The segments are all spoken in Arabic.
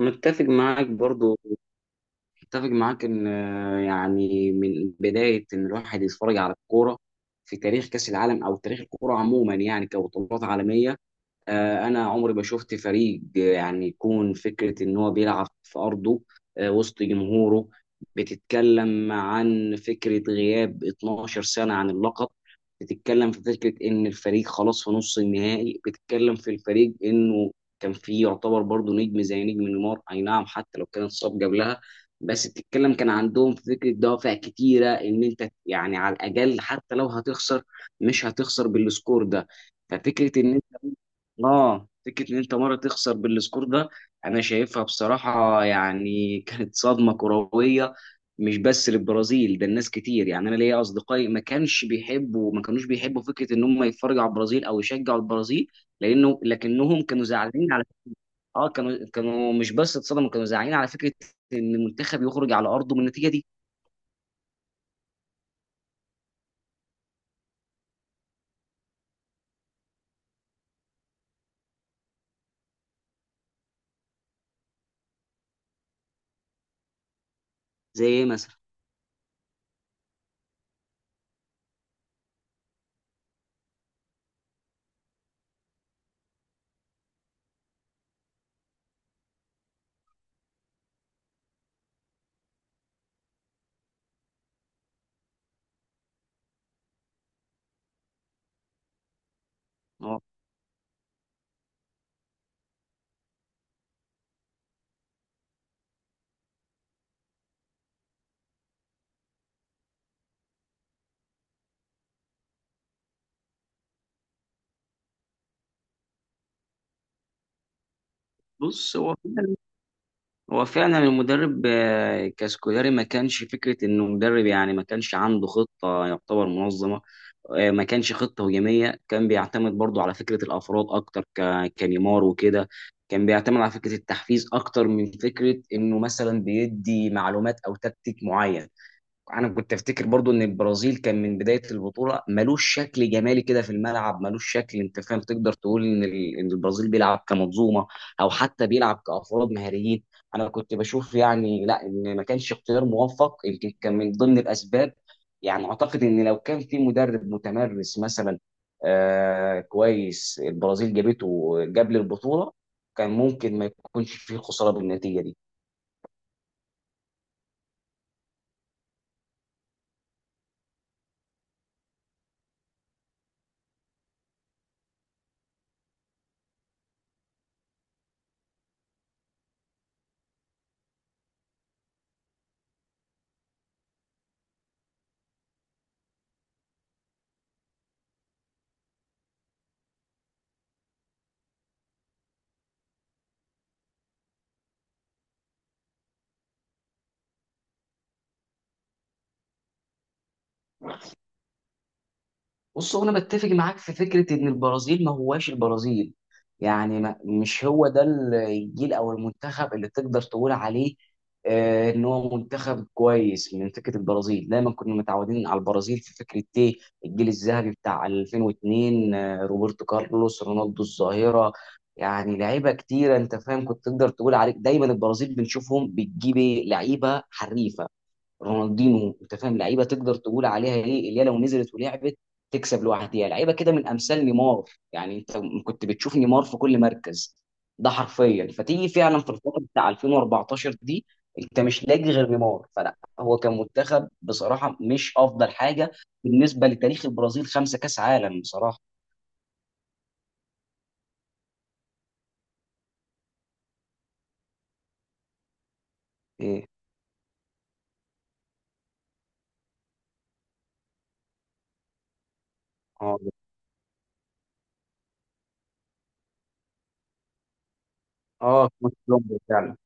متفق معاك برضو. متفق معاك ان يعني من بدايه ان الواحد يتفرج على الكوره في تاريخ كاس العالم او تاريخ الكوره عموما، يعني كبطولات عالميه. انا عمري ما شفت فريق يعني يكون فكره ان هو بيلعب في ارضه وسط جمهوره. بتتكلم عن فكره غياب 12 سنه عن اللقب، بتتكلم في فكره ان الفريق خلاص في نص النهائي، بتتكلم في الفريق انه كان فيه يعتبر برضه نجم زي نجم نيمار، اي نعم حتى لو كان اتصاب قبلها، بس بتتكلم كان عندهم في فكره دوافع كتيره ان انت يعني على الاقل حتى لو هتخسر، مش هتخسر بالسكور ده. ففكره ان اه فكره ان انت مره تخسر بالسكور ده انا شايفها بصراحه يعني كانت صدمه كرويه، مش بس للبرازيل، ده الناس كتير. يعني انا ليا اصدقائي ما كانوش بيحبوا فكره ان هم يتفرجوا على البرازيل او يشجعوا البرازيل. لكنهم كانوا زعلانين على، كانوا مش بس اتصدموا، كانوا زعلانين على فكره ان المنتخب يخرج على ارضه من النتيجه دي. زي ايه مثلا؟ هو بص، هو فعلا المدرب كاسكولاري ما كانش فكرة انه مدرب، يعني ما كانش عنده خطة يعتبر منظمة. ما كانش خطة هجومية، كان بيعتمد برضو على فكرة الافراد اكتر كنيمار وكده. كان بيعتمد على فكرة التحفيز اكتر من فكرة انه مثلا بيدي معلومات او تكتيك معين. انا كنت افتكر برضو ان البرازيل كان من بدايه البطوله ملوش شكل جمالي كده في الملعب، ملوش شكل، انت فاهم، تقدر تقول ان ان البرازيل بيلعب كمنظومه او حتى بيلعب كافراد مهاريين. انا كنت بشوف يعني لا، ان ما كانش اختيار موفق يمكن كان من ضمن الاسباب. يعني اعتقد ان لو كان في مدرب متمرس مثلا، آه كويس البرازيل جابته قبل البطوله، كان ممكن ما يكونش فيه خساره بالنتيجه دي. بص هو انا بتفق معاك في فكره ان البرازيل ما هواش البرازيل. يعني ما مش هو ده الجيل او المنتخب اللي تقدر تقول عليه ان هو منتخب كويس. من فكره البرازيل دايما كنا متعودين على البرازيل في فكره ايه، الجيل الذهبي بتاع 2002، روبرتو كارلوس، رونالدو الظاهره، يعني لعيبه كتيره، انت فاهم، كنت تقدر تقول عليك دايما البرازيل بنشوفهم بتجيب إيه؟ لعيبه حريفه، رونالدينو، انت فاهم، لعيبه تقدر تقول عليها ايه، اللي هي لو نزلت ولعبت تكسب لوحدها. لعيبه كده من امثال نيمار يعني، انت كنت بتشوف نيمار في كل مركز، ده حرفيا فتيجي فعلا في الفتره بتاع 2014 دي انت مش لاقي غير نيمار. فلا، هو كان منتخب بصراحه مش افضل حاجه بالنسبه لتاريخ البرازيل، خمسه كاس عالم بصراحه. ايه. اه. اه، كولومبيا فعلا.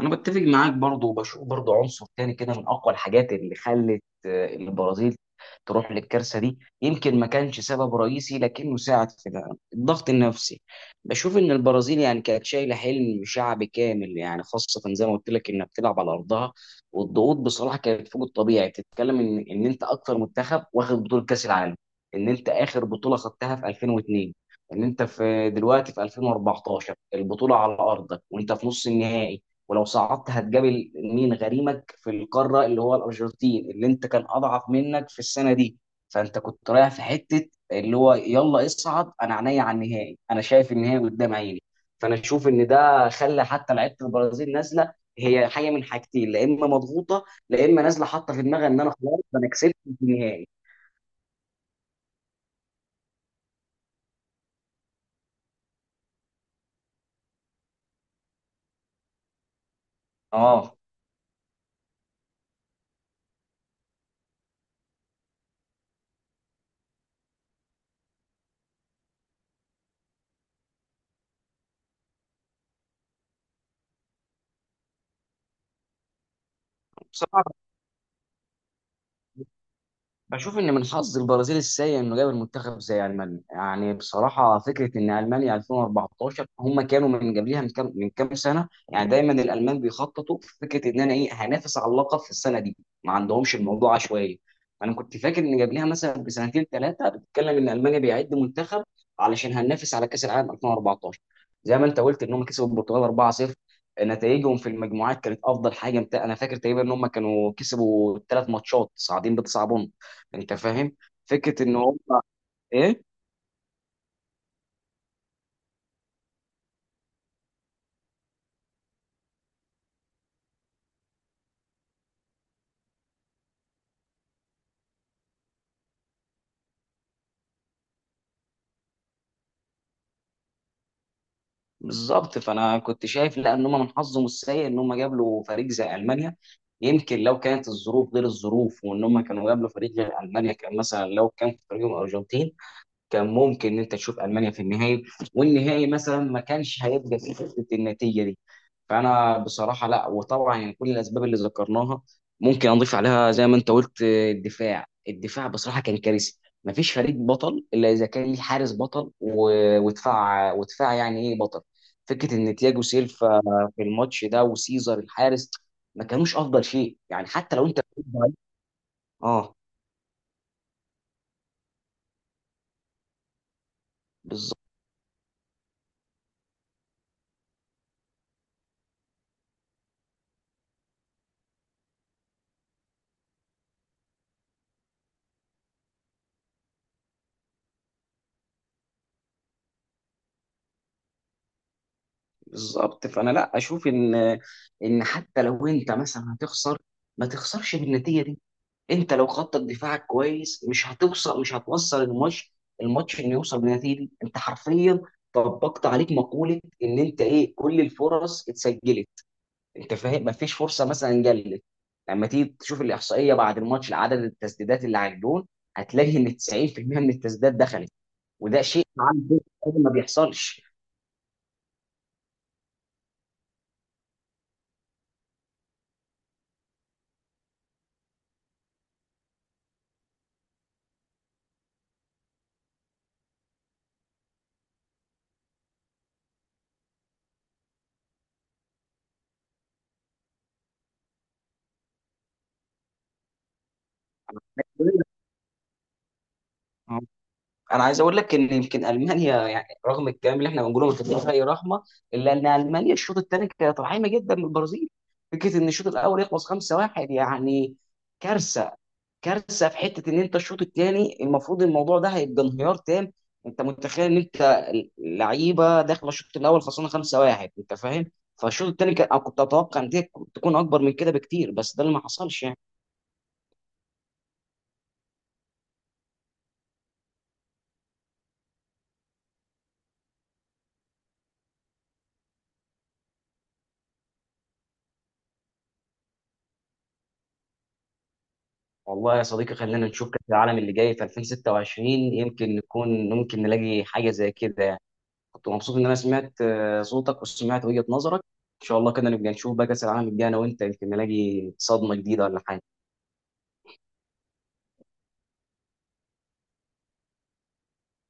انا بتفق معاك برضو، وبشوف برضو عنصر تاني كده من اقوى الحاجات اللي خلت البرازيل تروح للكارثه دي، يمكن ما كانش سبب رئيسي لكنه ساعد في ده، الضغط النفسي. بشوف ان البرازيل يعني كانت شايله حلم شعب كامل، يعني خاصه زي ما قلت لك انها بتلعب على ارضها، والضغوط بصراحه كانت فوق الطبيعي. بتتكلم ان انت اكتر منتخب واخد بطوله كاس العالم، ان انت اخر بطوله خدتها في 2002، ان انت في دلوقتي في 2014 البطوله على ارضك وانت في نص النهائي، ولو صعدت هتقابل مين، غريمك في القاره اللي هو الارجنتين اللي انت كان اضعف منك في السنه دي. فانت كنت رايح في حته اللي هو يلا اصعد، انا عينيا على النهائي، انا شايف النهائي قدام عيني. فانا اشوف ان ده خلى حتى لعيبه البرازيل نازله. هي حاجه من حاجتين، لا اما مضغوطه، لا اما نازله حاطه في دماغها ان انا خلاص انا كسبت في النهائي. اه، بصراحه بشوف ان من حظ البرازيل السيء انه قابل منتخب زي المانيا. يعني بصراحه فكره ان المانيا 2014 هم كانوا من قبلها من كام سنه، يعني دايما الالمان بيخططوا في فكره ان انا ايه، هنافس على اللقب في السنه دي. ما عندهمش الموضوع عشوائي. انا كنت فاكر ان قبلها مثلا بسنتين ثلاثه بتتكلم ان المانيا بيعد منتخب علشان هننافس على كاس العالم 2014. زي ما انت قلت ان هم كسبوا البرتغال 4-0، نتائجهم في المجموعات كانت افضل حاجه، انا فاكر تقريبا ان هم كانوا كسبوا ثلاث ماتشات صاعدين بتسع، انت فاهم، فكره ان هم ايه. بالظبط. فانا كنت شايف لا، ان هم من حظهم السيء ان هم قابلوا فريق زي المانيا. يمكن لو كانت الظروف غير الظروف وان هم كانوا قابلوا فريق غير المانيا، كان مثلا لو كان في فريقهم ارجنتين، كان ممكن ان انت تشوف المانيا في النهائي، والنهائي مثلا ما كانش هيبقى فيه فكره النتيجه دي. فانا بصراحه لا، وطبعا يعني كل الاسباب اللي ذكرناها ممكن اضيف عليها زي ما انت قلت الدفاع، الدفاع بصراحه كان كارثي. ما فيش فريق بطل الا اذا كان ليه حارس بطل ودفاع يعني ايه بطل. فكره ان تياجو سيلفا في الماتش ده وسيزر الحارس ما كانوش افضل شيء، يعني حتى لو انت. اه بالظبط. بالظبط فانا لا اشوف ان ان حتى لو انت مثلا هتخسر، ما تخسرش بالنتيجه دي. انت لو خطط دفاعك كويس، مش هتوصل الماتش، الماتش انه يوصل بالنتيجه دي. انت حرفيا طبقت عليك مقوله ان انت ايه، كل الفرص اتسجلت، انت فاهم، ما فيش فرصه مثلا جلت. لما تيجي تشوف الاحصائيه بعد الماتش لعدد التسديدات اللي على الجون، هتلاقي ان 90% من التسديدات دخلت، وده شيء عام ما بيحصلش. انا عايز اقول لك ان يمكن المانيا يعني رغم الكلام اللي احنا بنقوله مش بتديها اي رحمه، الا ان المانيا الشوط الثاني كانت رحيمه جدا من البرازيل. فكره ان الشوط الاول يخلص 5-1 يعني كارثه، كارثه في حته ان انت الشوط الثاني المفروض الموضوع ده هيبقى انهيار تام. انت متخيل ان انت لعيبه داخله الشوط الاول خسرانه 5-1، انت فاهم، فالشوط الثاني كان، أنا كنت اتوقع ان دي تكون اكبر من كده بكتير، بس ده اللي ما حصلش يعني. والله يا صديقي خلينا نشوف كأس العالم اللي جاي في 2026، يمكن نكون ممكن نلاقي حاجة زي كده يعني. كنت مبسوط إن أنا سمعت صوتك وسمعت وجهة نظرك. إن شاء الله كده نبقى نشوف بقى كأس العالم الجاي أنا وأنت، يمكن نلاقي صدمة جديدة ولا حاجة.